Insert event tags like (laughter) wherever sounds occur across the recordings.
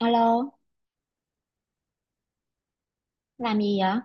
Alo, làm gì vậy?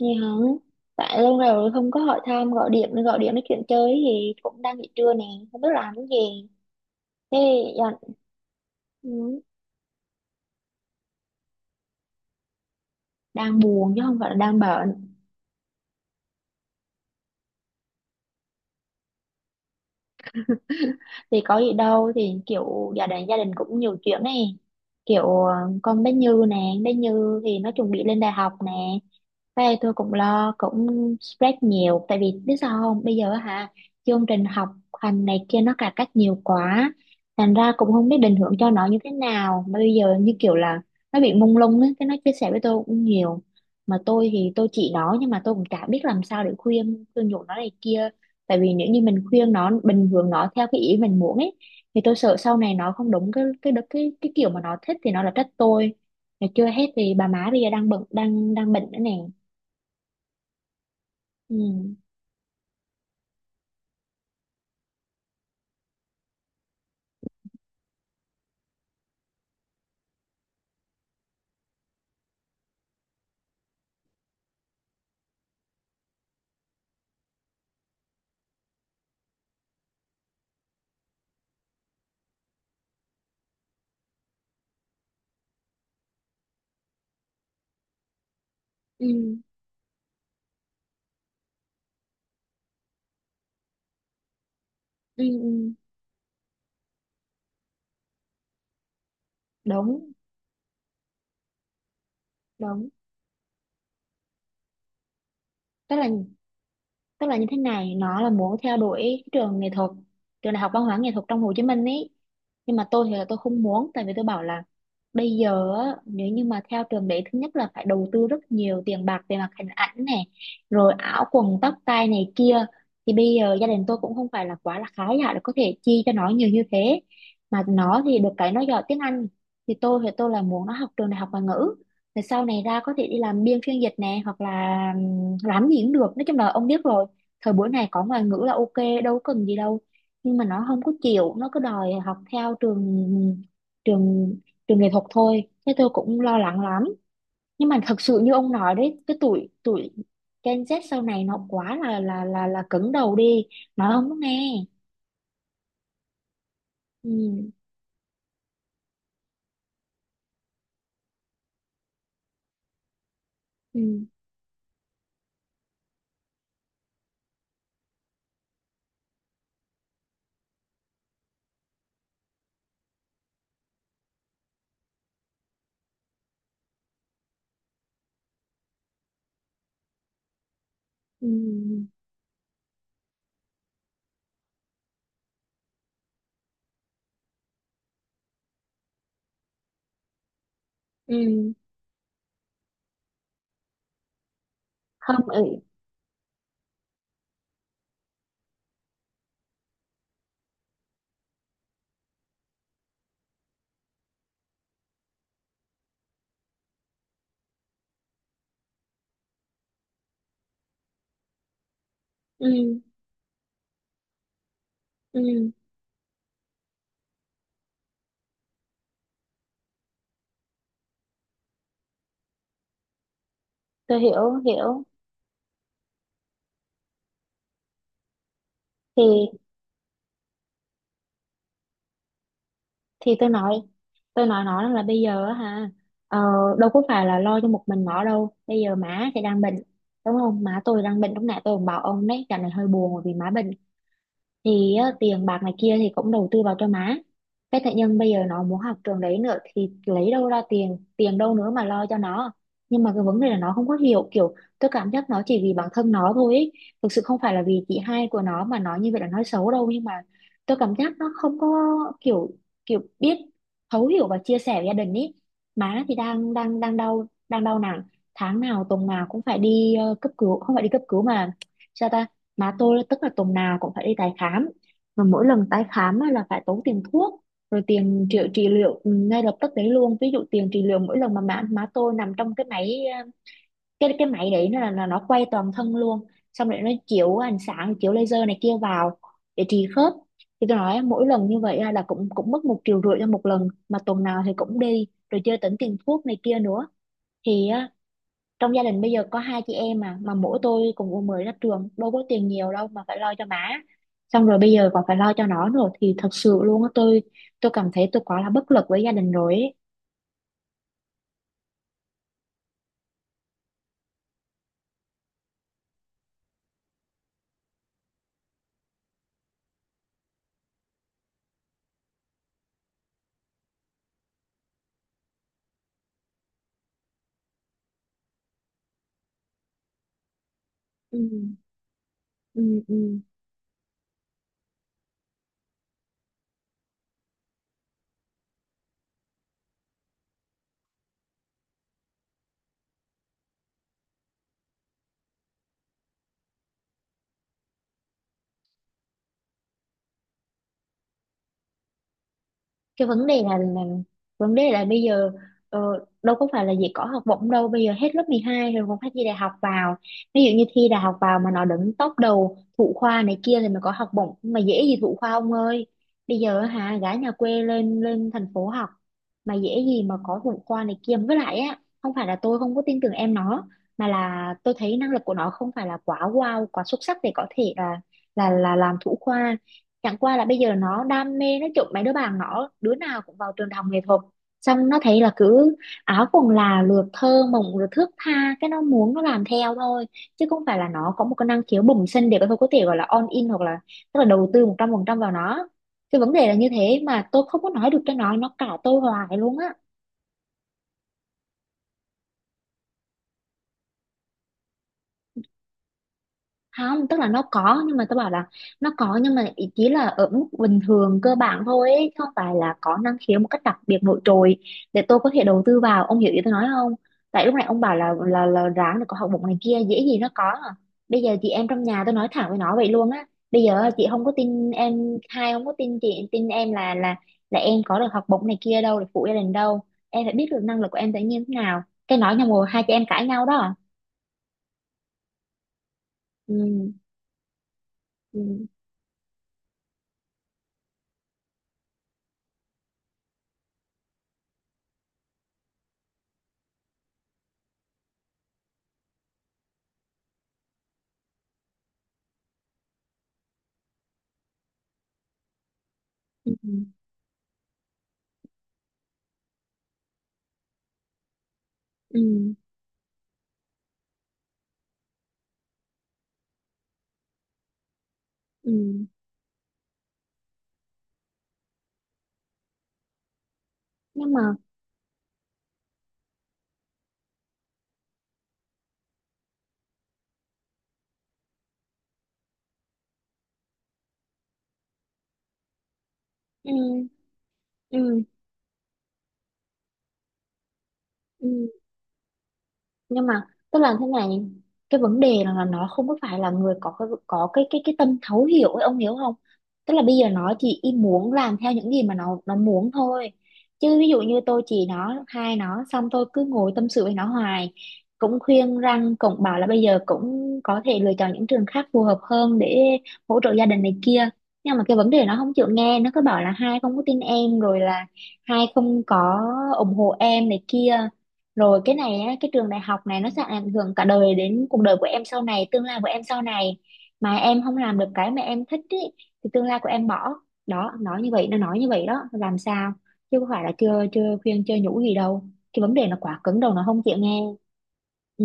Gì không? Tại lâu rồi không có hỏi thăm, gọi điện nói chuyện chơi thì cũng đang nghỉ trưa nè, không biết làm cái gì. Thế giờ ừ, đang buồn chứ không phải là đang bệnh. Thì có gì đâu, thì kiểu gia đình cũng nhiều chuyện này. Kiểu con bé Như nè, bé Như thì nó chuẩn bị lên đại học nè. Đây tôi cũng lo cũng stress nhiều, tại vì biết sao không, bây giờ hả, chương trình học hành này kia nó cải cách nhiều quá, thành ra cũng không biết định hướng cho nó như thế nào, mà bây giờ như kiểu là nó bị mông lung ấy, cái nó chia sẻ với tôi cũng nhiều, mà tôi thì tôi chỉ nó nhưng mà tôi cũng chả biết làm sao để khuyên khuyên nhủ nó này kia. Tại vì nếu như mình khuyên nó bình thường nó theo cái ý mình muốn ấy, thì tôi sợ sau này nó không đúng cái kiểu mà nó thích thì nó là trách tôi. Mà chưa hết thì bà má bây giờ đang bận đang đang bệnh nữa nè. Ừ. Ừ. Ừ. Ừ. Đúng. Đúng. Tức là tức là như thế này, nó là muốn theo đuổi cái trường nghệ thuật, trường đại học văn hóa nghệ thuật trong Hồ Chí Minh ấy, nhưng mà tôi thì là tôi không muốn, tại vì tôi bảo là bây giờ á, nếu như mà theo trường đấy, thứ nhất là phải đầu tư rất nhiều tiền bạc về mặt hình ảnh này, rồi áo quần tóc tai này kia, thì bây giờ gia đình tôi cũng không phải là quá là khá giả để có thể chi cho nó nhiều như thế. Mà nó thì được cái nó giỏi tiếng Anh, thì tôi là muốn nó học trường đại học ngoại ngữ, rồi sau này ra có thể đi làm biên phiên dịch nè, hoặc là làm gì cũng được, nói chung là ông biết rồi, thời buổi này có ngoại ngữ là ok, đâu cần gì đâu. Nhưng mà nó không có chịu, nó cứ đòi học theo trường trường trường nghệ thuật thôi, thế tôi cũng lo lắng lắm. Nhưng mà thật sự như ông nói đấy, cái tuổi tuổi Gen Z sau này nó quá là cứng đầu đi, nó không có nghe. Ừ. Ừ. Ừ. Ừ. Không. Ừ. Ừ. Ừ. Tôi hiểu hiểu thì thì tôi nói, tôi nói nó là bây giờ á ha, ờ, đâu có phải là lo cho một mình nó đâu, bây giờ má thì đang bệnh, đúng không, má tôi đang bệnh, lúc nãy tôi cũng bảo ông đấy, dạo này hơi buồn bởi vì má bệnh, thì á, tiền bạc này kia thì cũng đầu tư vào cho má, cái tự nhiên bây giờ nó muốn học trường đấy nữa, thì lấy đâu ra tiền, tiền đâu nữa mà lo cho nó. Nhưng mà cái vấn đề là nó không có hiểu, kiểu tôi cảm giác nó chỉ vì bản thân nó thôi ý. Thực sự không phải là vì chị hai của nó mà nói như vậy là nói xấu đâu, nhưng mà tôi cảm giác nó không có kiểu, kiểu biết thấu hiểu và chia sẻ với gia đình ý. Má thì đang đang đang đau, đang đau nặng, tháng nào tuần nào cũng phải đi cấp cứu, không phải đi cấp cứu mà (tsk) sao ta, má tôi tức là tuần nào cũng phải đi tái khám, mà mỗi lần tái khám á là phải tốn tiền thuốc, rồi tiền trị liệu ừ, ngay lập tức đấy luôn. Ví dụ tiền trị liệu mỗi lần mà má tôi nằm trong cái máy cái máy đấy là nó quay toàn thân luôn, xong rồi nó chiếu ánh sáng chiếu laser này kia vào để trị khớp, thì tôi nói mỗi lần như vậy á là cũng cũng mất 1,5 triệu cho một lần, mà tuần nào thì cũng đi, rồi chưa tính tiền thuốc này kia nữa. Thì trong gia đình bây giờ có hai chị em mà mỗi tôi cùng u mười ra trường, đâu có tiền nhiều đâu mà phải lo cho má, xong rồi bây giờ còn phải lo cho nó nữa, thì thật sự luôn á, tôi cảm thấy tôi quá là bất lực với gia đình rồi ấy. Ừ. Ừ. Ừ. Cái vấn đề là vấn đề là bây giờ ờ, đâu có phải là chỉ có học bổng đâu, bây giờ hết lớp 12 rồi còn phải thi đại học vào, ví dụ như thi đại học vào mà nó đứng top đầu thủ khoa này kia thì mới có học bổng, mà dễ gì thủ khoa ông ơi. Bây giờ hả, gái nhà quê lên lên thành phố học mà dễ gì mà có thủ khoa này kia. Với lại á, không phải là tôi không có tin tưởng em nó, mà là tôi thấy năng lực của nó không phải là quá wow quá xuất sắc để có thể là làm thủ khoa. Chẳng qua là bây giờ nó đam mê, nó chụp mấy đứa bạn nó đứa nào cũng vào trường đại học nghệ thuật, xong nó thấy là cứ áo quần là lượt thơ mộng rồi thước tha, cái nó muốn nó làm theo thôi, chứ không phải là nó có một cái năng khiếu bẩm sinh để có thể gọi là on in, hoặc là tức là đầu tư 100% vào nó. Cái vấn đề là như thế mà tôi không có nói được cho nó cãi tôi hoài luôn á. Không, tức là nó có, nhưng mà tôi bảo là nó có nhưng mà ý chỉ là ở mức bình thường cơ bản thôi ấy, chứ không phải là có năng khiếu một cách đặc biệt nổi trội để tôi có thể đầu tư vào, ông hiểu ý tôi nói không. Tại lúc này ông bảo là ráng là có học bổng này kia, dễ gì nó có à. Bây giờ chị em trong nhà tôi nói thẳng với nó vậy luôn á, bây giờ chị không có tin em, hai không có tin chị tin em là em có được học bổng này kia đâu, được phụ gia đình đâu, em phải biết được năng lực của em tự nhiên thế nào, cái nói nhau rồi hai chị em cãi nhau đó à. Ừ. Ừ. Ừ. Ừ. Ừ. Nhưng mà ừ. Ừ. Ừ. Nhưng mà tức là thế này, cái vấn đề là nó không có phải là người có cái tâm thấu hiểu ấy, ông hiểu không. Tức là bây giờ nó chỉ ý muốn làm theo những gì mà nó muốn thôi, chứ ví dụ như tôi chỉ nó hai, nó xong tôi cứ ngồi tâm sự với nó hoài, cũng khuyên răng cũng bảo là bây giờ cũng có thể lựa chọn những trường khác phù hợp hơn để hỗ trợ gia đình này kia, nhưng mà cái vấn đề nó không chịu nghe, nó cứ bảo là hai không có tin em, rồi là hai không có ủng hộ em này kia, rồi cái này á, cái trường đại học này nó sẽ ảnh hưởng cả đời đến cuộc đời của em sau này, tương lai của em sau này. Mà em không làm được cái mà em thích ý, thì tương lai của em bỏ. Đó, nói như vậy, nó nói như vậy đó, làm sao? Chứ không phải là chưa chưa khuyên chưa nhủ gì đâu. Cái vấn đề nó quá cứng đầu nó không chịu nghe. Ừ.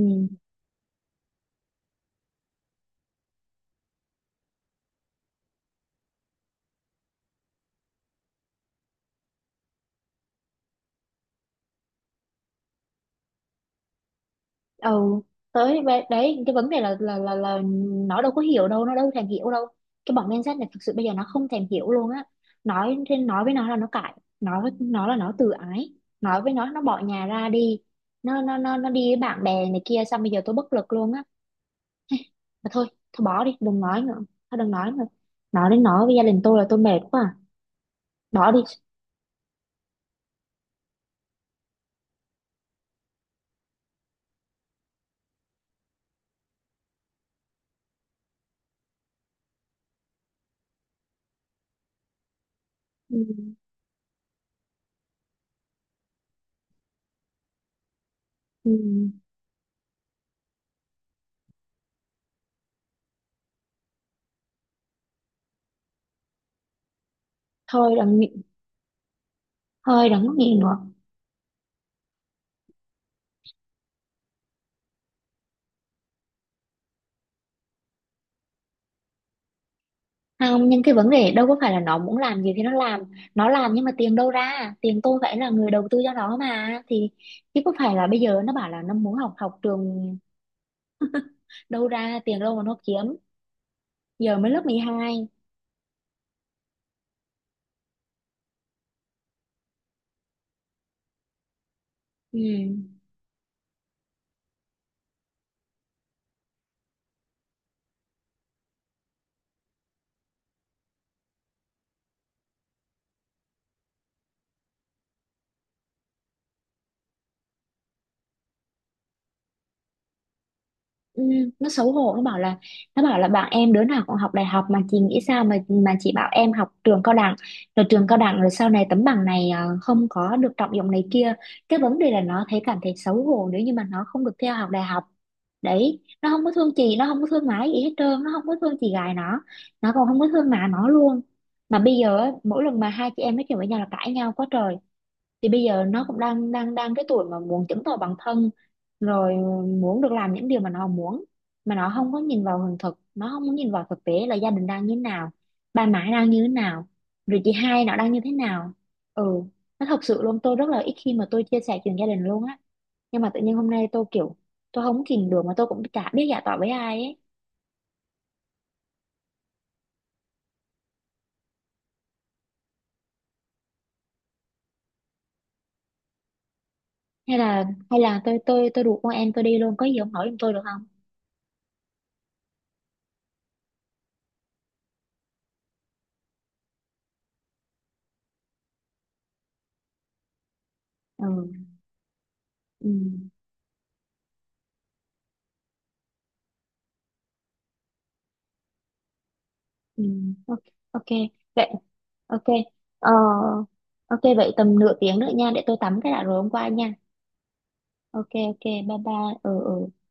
Ừ tới đấy cái vấn đề là nó đâu có hiểu đâu, nó đâu thèm hiểu đâu, cái bọn Gen Z này thực sự bây giờ nó không thèm hiểu luôn á. Nói thì nói với nó là nó cãi, nói với nó là nó tự ái, nói với nó bỏ nhà ra đi, nó đi với bạn bè này kia, xong bây giờ tôi bất lực luôn á. Mà thôi, thôi bỏ đi đừng nói nữa, thôi đừng nói nữa, nói đến nói với gia đình tôi là tôi mệt quá à. Bỏ đi. Ừ. Ừ. thôi đừng nghĩ- Thôi đừng có nghĩ nữa. Không, nhưng cái vấn đề đâu có phải là nó muốn làm gì thì nó làm, nó làm nhưng mà tiền đâu ra, tiền tôi phải là người đầu tư cho nó mà thì, chứ có phải là bây giờ nó bảo là nó muốn học học trường, đâu ra tiền đâu mà nó kiếm, giờ mới lớp 12. Ừ. Ừ, nó xấu hổ nó bảo là, nó bảo là bạn em đứa nào cũng học đại học mà chị nghĩ sao mà chị bảo em học trường cao đẳng, rồi trường cao đẳng rồi sau này tấm bằng này à, không có được trọng dụng này kia. Cái vấn đề là nó thấy cảm thấy xấu hổ nếu như mà nó không được theo học đại học. Đấy, nó không có thương chị, nó không có thương má gì hết trơn, nó không có thương chị gái nó còn không có thương má nó luôn. Mà bây giờ á, mỗi lần mà hai chị em nói chuyện với nhau là cãi nhau quá trời. Thì bây giờ nó cũng đang đang đang cái tuổi mà muốn chứng tỏ bản thân, rồi muốn được làm những điều mà nó muốn, mà nó không có nhìn vào hiện thực, nó không có nhìn vào thực tế là gia đình đang như thế nào, ba má đang như thế nào, rồi chị hai nó đang như thế nào. Ừ. Nó thật sự luôn, tôi rất là ít khi mà tôi chia sẻ chuyện gia đình luôn á, nhưng mà tự nhiên hôm nay tôi kiểu tôi không kìm được, mà tôi cũng chả biết giải tỏa với ai ấy. Hay là, hay là tôi tôi rủ con em tôi đi luôn, có gì ông hỏi giùm tôi được không. Ừ. Ừ. Ừ. Ok. Ok vậy. Ok. Ờ, ok vậy tầm nửa tiếng nữa nha, để tôi tắm cái đã rồi hôm qua nha. Ok ok bye bye. Ừ. Ừ.